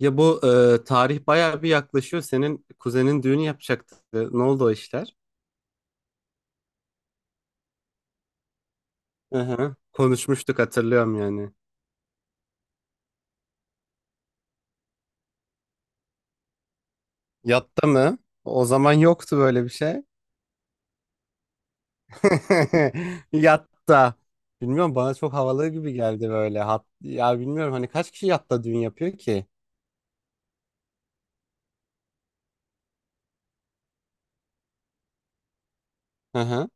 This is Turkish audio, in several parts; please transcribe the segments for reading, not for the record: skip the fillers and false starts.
Ya bu tarih bayağı bir yaklaşıyor. Senin kuzenin düğünü yapacaktı. Ne oldu o işler? Hı hı. Konuşmuştuk hatırlıyorum yani. Yatta mı? O zaman yoktu böyle bir şey. Yatta. Bilmiyorum bana çok havalı gibi geldi böyle. Ya bilmiyorum hani kaç kişi yatta düğün yapıyor ki? Hı hı.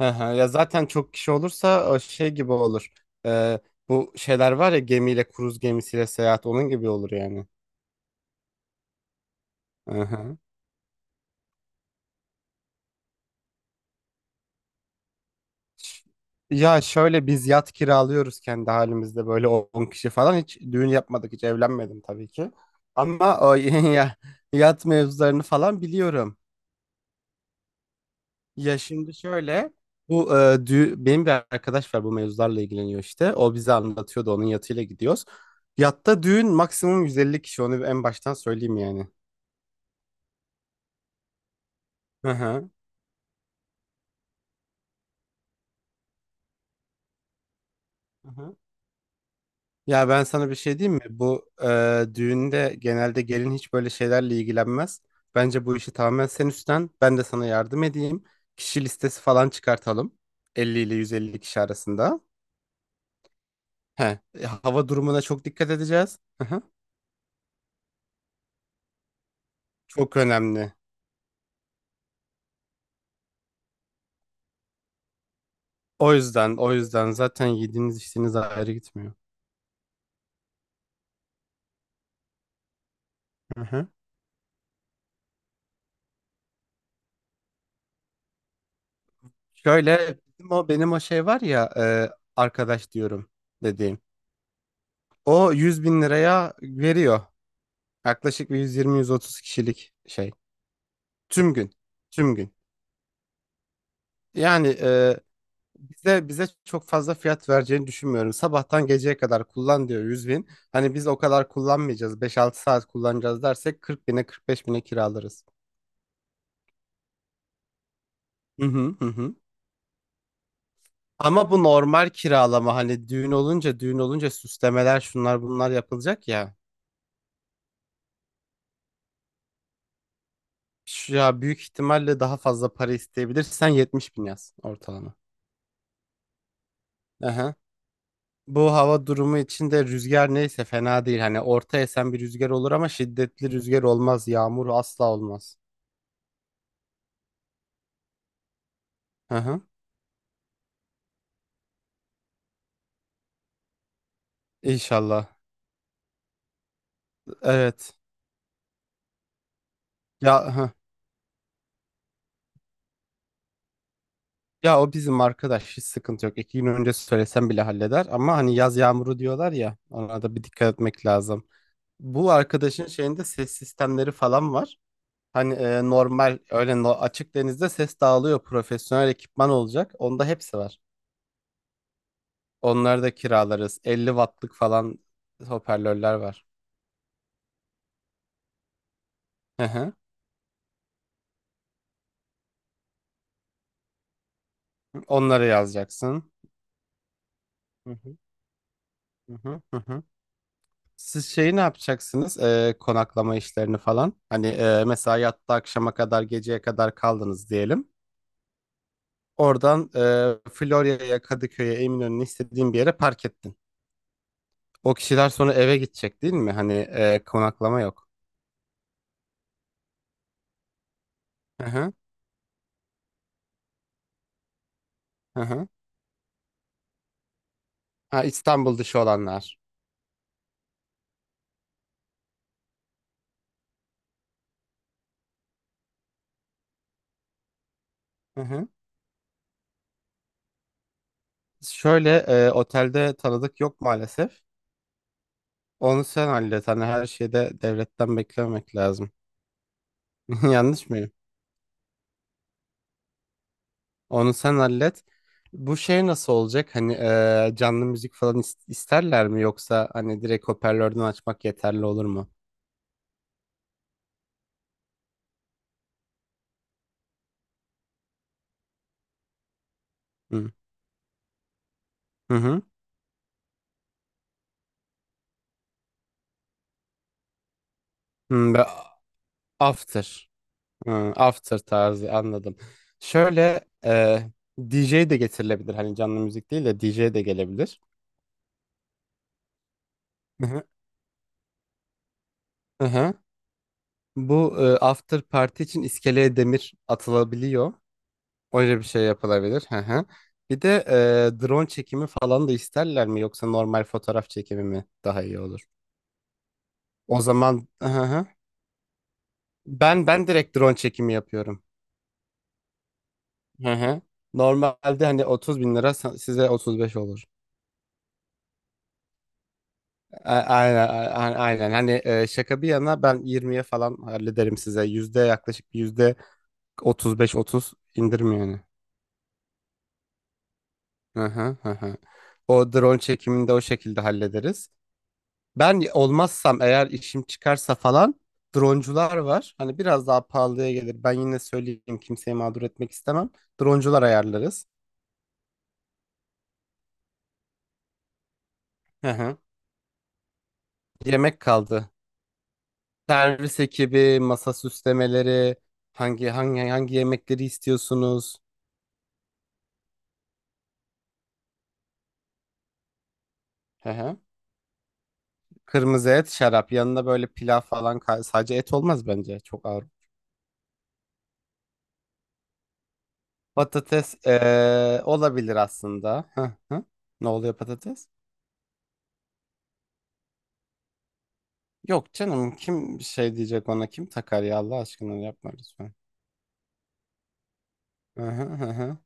Hı hı. Ya zaten çok kişi olursa o şey gibi olur. E, Bu şeyler var ya gemiyle kruz gemisiyle seyahat onun gibi olur yani. Hı hı. Ş- Ya şöyle biz yat kiralıyoruz kendi halimizde böyle 10 kişi falan hiç düğün yapmadık, hiç evlenmedim tabii ki. Ama o ya yat mevzularını falan biliyorum. Ya şimdi şöyle benim bir arkadaş var, bu mevzularla ilgileniyor işte. O bize anlatıyordu, onun yatıyla gidiyoruz. Yatta düğün maksimum 150 kişi, onu en baştan söyleyeyim yani. Hı hı. Hı hı. Ya ben sana bir şey diyeyim mi? Bu düğünde genelde gelin hiç böyle şeylerle ilgilenmez. Bence bu işi tamamen sen üstlen. Ben de sana yardım edeyim. Kişi listesi falan çıkartalım. 50 ile 150 kişi arasında. He, hava durumuna çok dikkat edeceğiz. Hı hı. Çok önemli. O yüzden zaten yediğiniz içtiğiniz ayrı gitmiyor. Hı hı. Şöyle benim o şey var ya, arkadaş diyorum dediğim. O 100 bin liraya veriyor. Yaklaşık bir 120-130 kişilik şey. Tüm gün. Tüm gün. Yani bize çok fazla fiyat vereceğini düşünmüyorum. Sabahtan geceye kadar kullan diyor 100 bin. Hani biz o kadar kullanmayacağız. 5-6 saat kullanacağız dersek 40 bine 45 bine kiralarız. Hı hı hı. Hı. Ama bu normal kiralama, hani düğün olunca süslemeler şunlar bunlar yapılacak ya. Ya büyük ihtimalle daha fazla para isteyebilir. Sen 70 bin yaz ortalama. Aha. Bu hava durumu içinde rüzgar neyse fena değil. Hani orta esen bir rüzgar olur ama şiddetli rüzgar olmaz. Yağmur asla olmaz. Hı hı. İnşallah. Evet. Ya hı. Ya o bizim arkadaş hiç sıkıntı yok. 2 gün önce söylesem bile halleder. Ama hani yaz yağmuru diyorlar ya, ona da bir dikkat etmek lazım. Bu arkadaşın şeyinde ses sistemleri falan var. Hani normal öyle açık denizde ses dağılıyor. Profesyonel ekipman olacak. Onda hepsi var. Onları da kiralarız. 50 wattlık falan hoparlörler var. Hı hı. Onları yazacaksın. Hı hı. Hı hı. Hı hı. Siz şeyi ne yapacaksınız? Konaklama işlerini falan. Hani mesela yattı akşama kadar geceye kadar kaldınız diyelim. Oradan Florya'ya, Kadıköy'e, Eminönü'ne istediğin bir yere park ettin. O kişiler sonra eve gidecek değil mi? Hani konaklama yok. Hı hı. Hı hı. Ha, İstanbul dışı olanlar. Hı hı. Şöyle otelde tanıdık yok maalesef. Onu sen hallet. Hani her şeyde devletten beklememek lazım. Yanlış mıyım? Onu sen hallet. Bu şey nasıl olacak? Hani canlı müzik falan isterler mi? Yoksa hani direkt hoparlörden açmak yeterli olur mu? Hı hı. Hı. Hı, ve after. Hı, after tarzı anladım. Şöyle DJ de getirilebilir. Hani canlı müzik değil de DJ de gelebilir. Hı hı. Hı hı. Bu after party için iskeleye demir atılabiliyor. Öyle bir şey yapılabilir. Hı hı. Bir de drone çekimi falan da isterler mi, yoksa normal fotoğraf çekimi mi daha iyi olur? O zaman hı hı. Ben direkt drone çekimi yapıyorum. Hı hı. Normalde hani 30 bin lira size 35 olur. Aynen, aynen. Hani şaka bir yana ben 20'ye falan hallederim size. Yüzde yaklaşık bir yüzde 35-30 indirim yani. Hı hı hı. Hı. O drone çekimini de o şekilde hallederiz. Ben olmazsam, eğer işim çıkarsa falan droncular var. Hani biraz daha pahalıya gelir. Ben yine söyleyeyim, kimseyi mağdur etmek istemem. Droncular ayarlarız. Hı hı. Yemek kaldı. Servis ekibi, masa süslemeleri, hangi yemekleri istiyorsunuz? Hı hı. Kırmızı et, şarap. Yanında böyle pilav falan, sadece et olmaz bence. Çok ağır. Patates olabilir aslında. Hı hı. Ne oluyor patates? Yok canım, kim şey diyecek ona, kim takar ya, Allah aşkına yapma lütfen. Hı hı hı hı.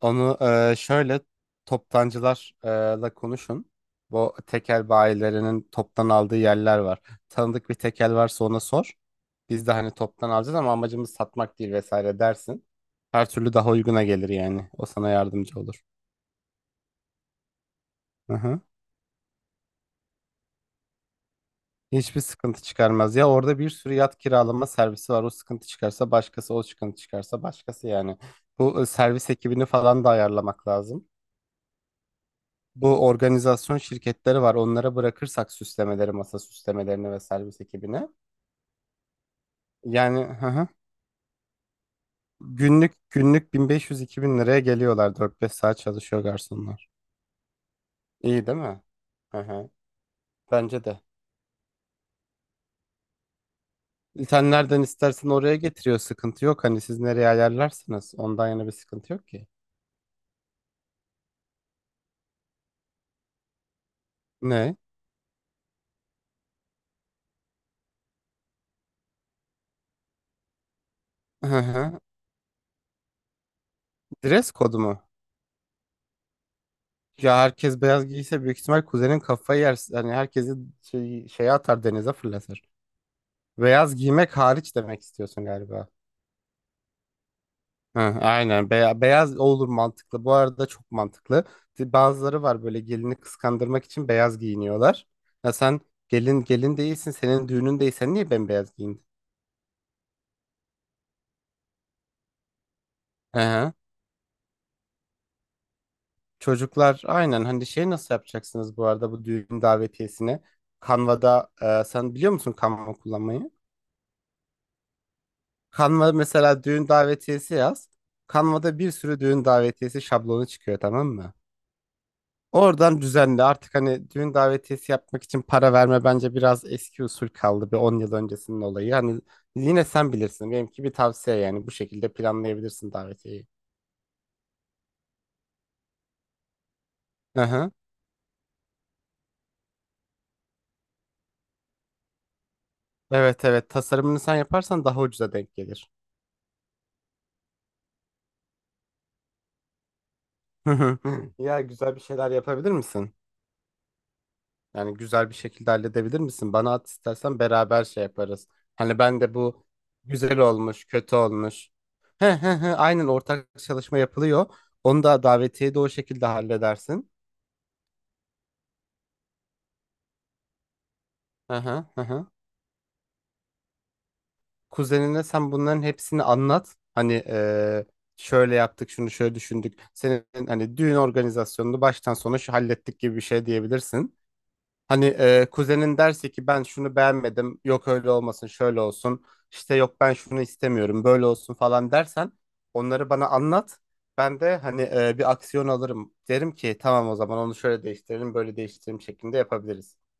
Onu şöyle toptancılarla konuşun. Bu tekel bayilerinin toptan aldığı yerler var. Tanıdık bir tekel varsa ona sor. Biz de hani toptan alacağız ama amacımız satmak değil vesaire dersin. Her türlü daha uyguna gelir yani. O sana yardımcı olur. Hı hı. Hiçbir sıkıntı çıkarmaz. Ya orada bir sürü yat kiralama servisi var. O sıkıntı çıkarsa başkası, o sıkıntı çıkarsa başkası yani. Bu servis ekibini falan da ayarlamak lazım. Bu organizasyon şirketleri var. Onlara bırakırsak süslemeleri, masa süslemelerini ve servis ekibini. Yani hı hı. Günlük günlük 1500-2000 liraya geliyorlar. 4-5 saat çalışıyor garsonlar. İyi değil mi? Hı hı. Bence de. Sen nereden istersen oraya getiriyor. Sıkıntı yok. Hani siz nereye ayarlarsınız? Ondan yana bir sıkıntı yok ki. Ne? Hı hı. Dress kodu mu? Ya herkes beyaz giyse büyük ihtimal kuzenin kafayı yer. Yani herkesi şeye atar, denize fırlatır. Beyaz giymek hariç demek istiyorsun galiba. Hı, aynen. Beyaz olur, mantıklı. Bu arada çok mantıklı. Bazıları var böyle, gelini kıskandırmak için beyaz giyiniyorlar. Ya sen gelin gelin değilsin, senin düğünün değil, sen niye bembeyaz giyindin? Hı hı. Çocuklar aynen. Hani şey, nasıl yapacaksınız bu arada bu düğün davetiyesini? Canva'da sen biliyor musun Canva kullanmayı? Canva mesela, düğün davetiyesi yaz. Canva'da bir sürü düğün davetiyesi şablonu çıkıyor, tamam mı? Oradan düzenle artık. Hani düğün davetiyesi yapmak için para verme, bence biraz eski usul kaldı, bir 10 yıl öncesinin olayı. Hani yine sen bilirsin, benimki bir tavsiye yani, bu şekilde planlayabilirsin davetiyeyi. Hı hı. Evet, evet, tasarımını sen yaparsan daha ucuza denk gelir. Ya, güzel bir şeyler yapabilir misin? Yani güzel bir şekilde halledebilir misin? Bana at istersen, beraber şey yaparız. Hani ben de bu güzel olmuş, kötü olmuş. He, he, he, aynen, ortak çalışma yapılıyor. Onu da, davetiye de o şekilde halledersin. Hı hı hı. Hı. Kuzenine sen bunların hepsini anlat. Hani şöyle yaptık, şunu şöyle düşündük. Senin hani düğün organizasyonunu baştan sona şu hallettik gibi bir şey diyebilirsin. Hani kuzenin derse ki ben şunu beğenmedim, yok öyle olmasın, şöyle olsun, işte yok ben şunu istemiyorum, böyle olsun falan dersen onları bana anlat. Ben de hani bir aksiyon alırım. Derim ki tamam, o zaman onu şöyle değiştirelim, böyle değiştirelim şeklinde yapabiliriz.